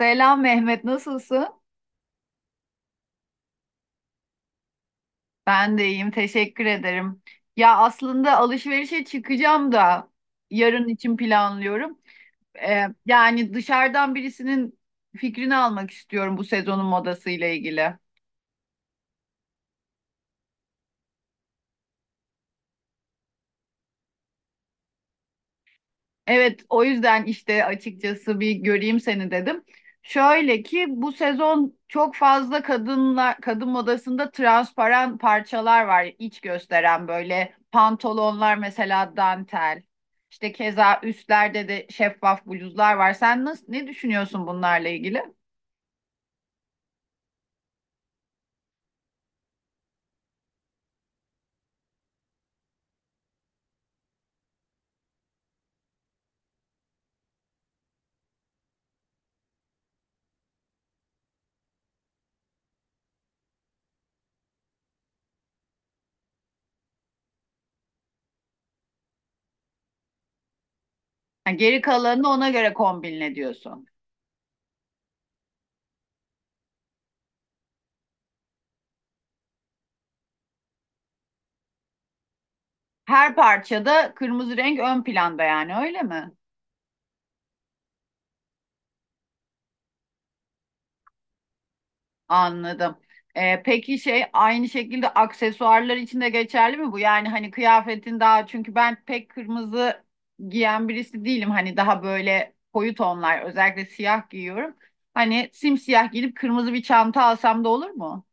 Selam Mehmet, nasılsın? Ben de iyiyim, teşekkür ederim. Ya aslında alışverişe çıkacağım da yarın için planlıyorum. Yani dışarıdan birisinin fikrini almak istiyorum bu sezonun modasıyla ilgili. Evet, o yüzden işte açıkçası bir göreyim seni dedim. Şöyle ki bu sezon çok fazla kadınla kadın modasında transparan parçalar var, iç gösteren böyle pantolonlar mesela dantel. İşte keza üstlerde de şeffaf bluzlar var. Sen nasıl ne düşünüyorsun bunlarla ilgili? Ha, geri kalanını ona göre kombinle diyorsun. Her parçada kırmızı renk ön planda yani, öyle mi? Anladım. Peki şey, aynı şekilde aksesuarlar için de geçerli mi bu? Yani hani kıyafetin daha, çünkü ben pek kırmızı giyen birisi değilim. Hani daha böyle koyu tonlar, özellikle siyah giyiyorum. Hani simsiyah giyip kırmızı bir çanta alsam da olur mu?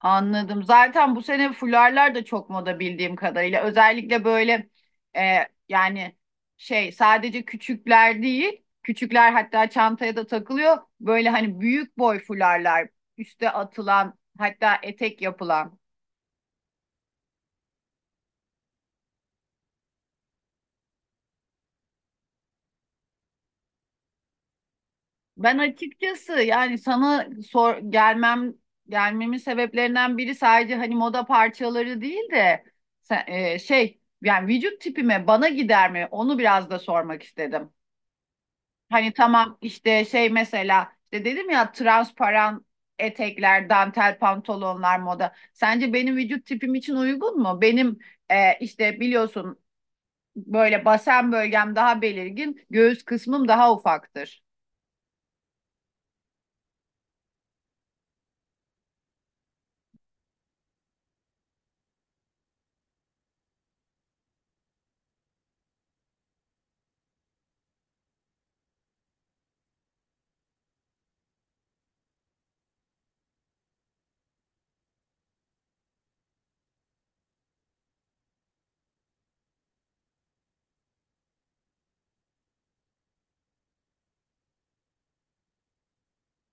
Anladım. Zaten bu sene fularlar da çok moda bildiğim kadarıyla. Özellikle böyle e, yani şey, sadece küçükler değil, küçükler hatta çantaya da takılıyor. Böyle hani büyük boy fularlar, üste atılan, hatta etek yapılan. Ben açıkçası yani sana sor gelmem gelmemin sebeplerinden biri, sadece hani moda parçaları değil de şey yani vücut tipime, bana gider mi? Onu biraz da sormak istedim. Hani tamam işte şey, mesela işte dedim ya, transparan etekler, dantel pantolonlar moda. Sence benim vücut tipim için uygun mu? Benim işte biliyorsun, böyle basen bölgem daha belirgin, göğüs kısmım daha ufaktır.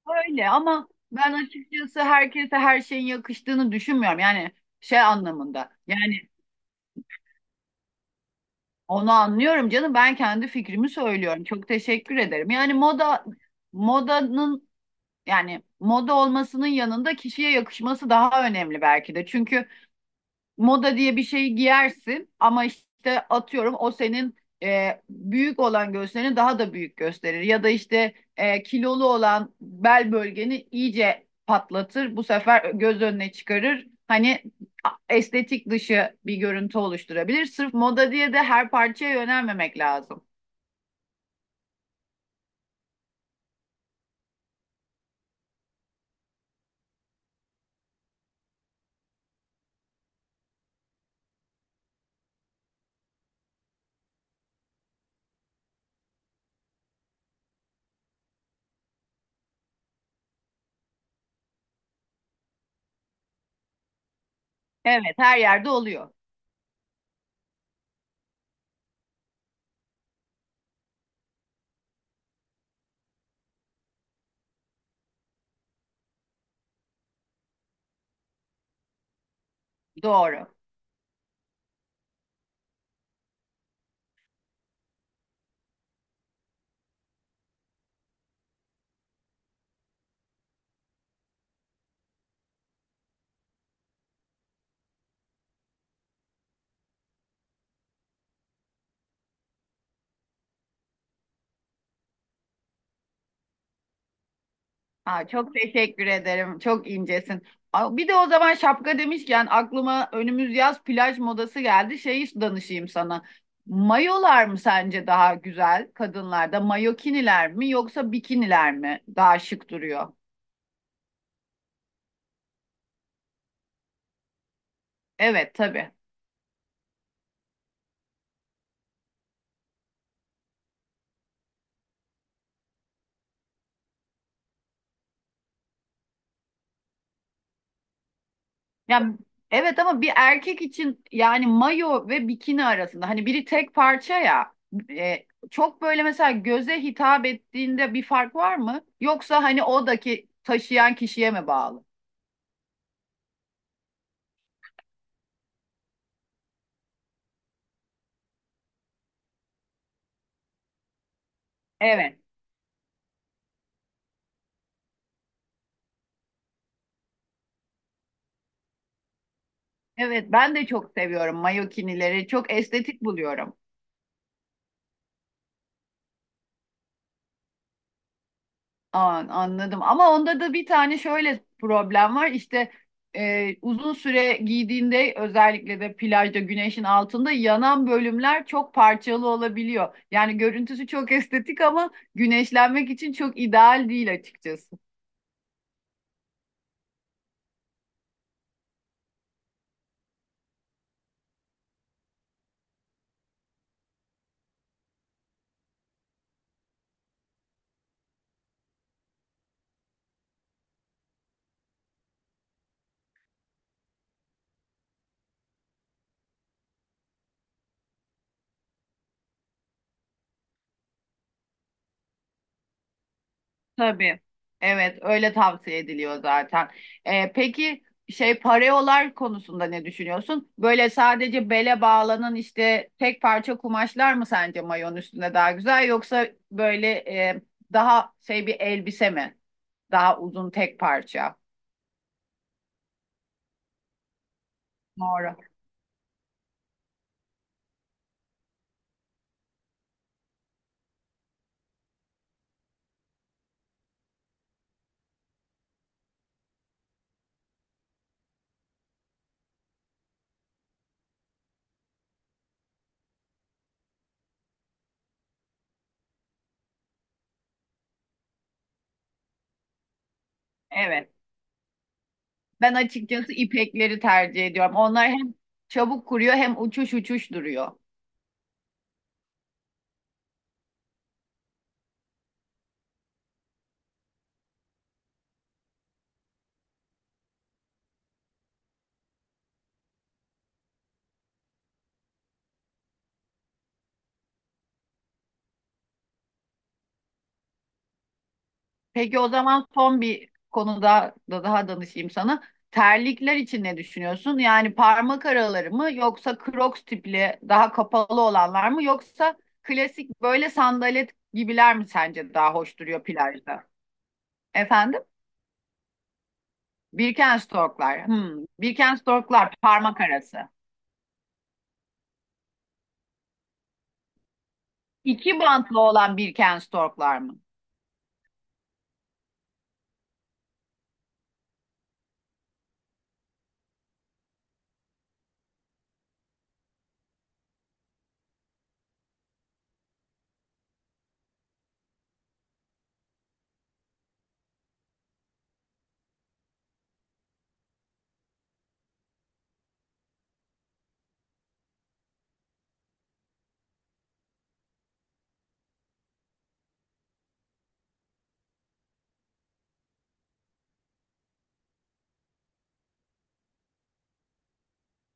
Öyle ama ben açıkçası herkese her şeyin yakıştığını düşünmüyorum. Yani şey anlamında. Yani onu anlıyorum canım, ben kendi fikrimi söylüyorum. Çok teşekkür ederim. Yani moda modanın Yani moda olmasının yanında kişiye yakışması daha önemli belki de. Çünkü moda diye bir şeyi giyersin ama işte atıyorum o senin büyük olan göğslerini daha da büyük gösterir. Ya da işte kilolu olan bel bölgeni iyice patlatır. Bu sefer göz önüne çıkarır. Hani estetik dışı bir görüntü oluşturabilir. Sırf moda diye de her parçaya yönelmemek lazım. Evet, her yerde oluyor. Doğru. Aa, çok teşekkür ederim. Çok incesin. Aa, bir de o zaman şapka demişken aklıma önümüz yaz plaj modası geldi. Şeyi danışayım sana. Mayolar mı sence daha güzel kadınlarda? Mayokiniler mi yoksa bikiniler mi daha şık duruyor? Evet tabii. Yani evet, ama bir erkek için yani mayo ve bikini arasında hani biri tek parça ya, e, çok böyle mesela göze hitap ettiğinde bir fark var mı? Yoksa hani odaki taşıyan kişiye mi bağlı? Evet. Evet, ben de çok seviyorum mayokinileri. Çok estetik buluyorum. Anladım. Ama onda da bir tane şöyle problem var. İşte uzun süre giydiğinde özellikle de plajda güneşin altında yanan bölümler çok parçalı olabiliyor. Yani görüntüsü çok estetik ama güneşlenmek için çok ideal değil açıkçası. Tabii. Evet, öyle tavsiye ediliyor zaten. Peki şey, pareolar konusunda ne düşünüyorsun? Böyle sadece bele bağlanan işte tek parça kumaşlar mı sence mayon üstünde daha güzel, yoksa böyle daha şey bir elbise mi? Daha uzun tek parça. Doğru. Evet. Ben açıkçası ipekleri tercih ediyorum. Onlar hem çabuk kuruyor hem uçuş uçuş duruyor. Peki o zaman son bir konuda da daha danışayım sana. Terlikler için ne düşünüyorsun? Yani parmak araları mı yoksa Crocs tipli daha kapalı olanlar mı yoksa klasik böyle sandalet gibiler mi sence daha hoş duruyor plajda? Efendim? Birkenstocklar. Hmm. Birkenstocklar parmak arası. İki bantlı olan Birkenstocklar mı?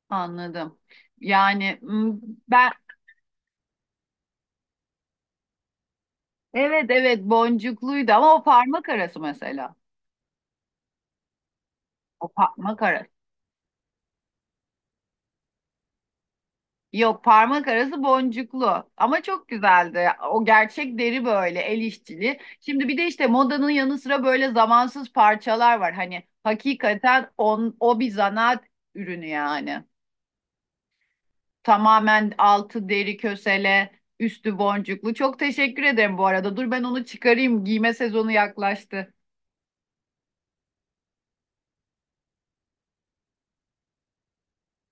Anladım. Yani hmm, ben evet evet, boncukluydu ama o parmak arası mesela. O parmak arası. Yok, parmak arası boncuklu ama çok güzeldi. O gerçek deri, böyle el işçiliği. Şimdi bir de işte modanın yanı sıra böyle zamansız parçalar var. Hani hakikaten o bir zanaat ürünü yani. Tamamen altı deri kösele, üstü boncuklu. Çok teşekkür ederim bu arada. Dur ben onu çıkarayım. Giyme sezonu yaklaştı.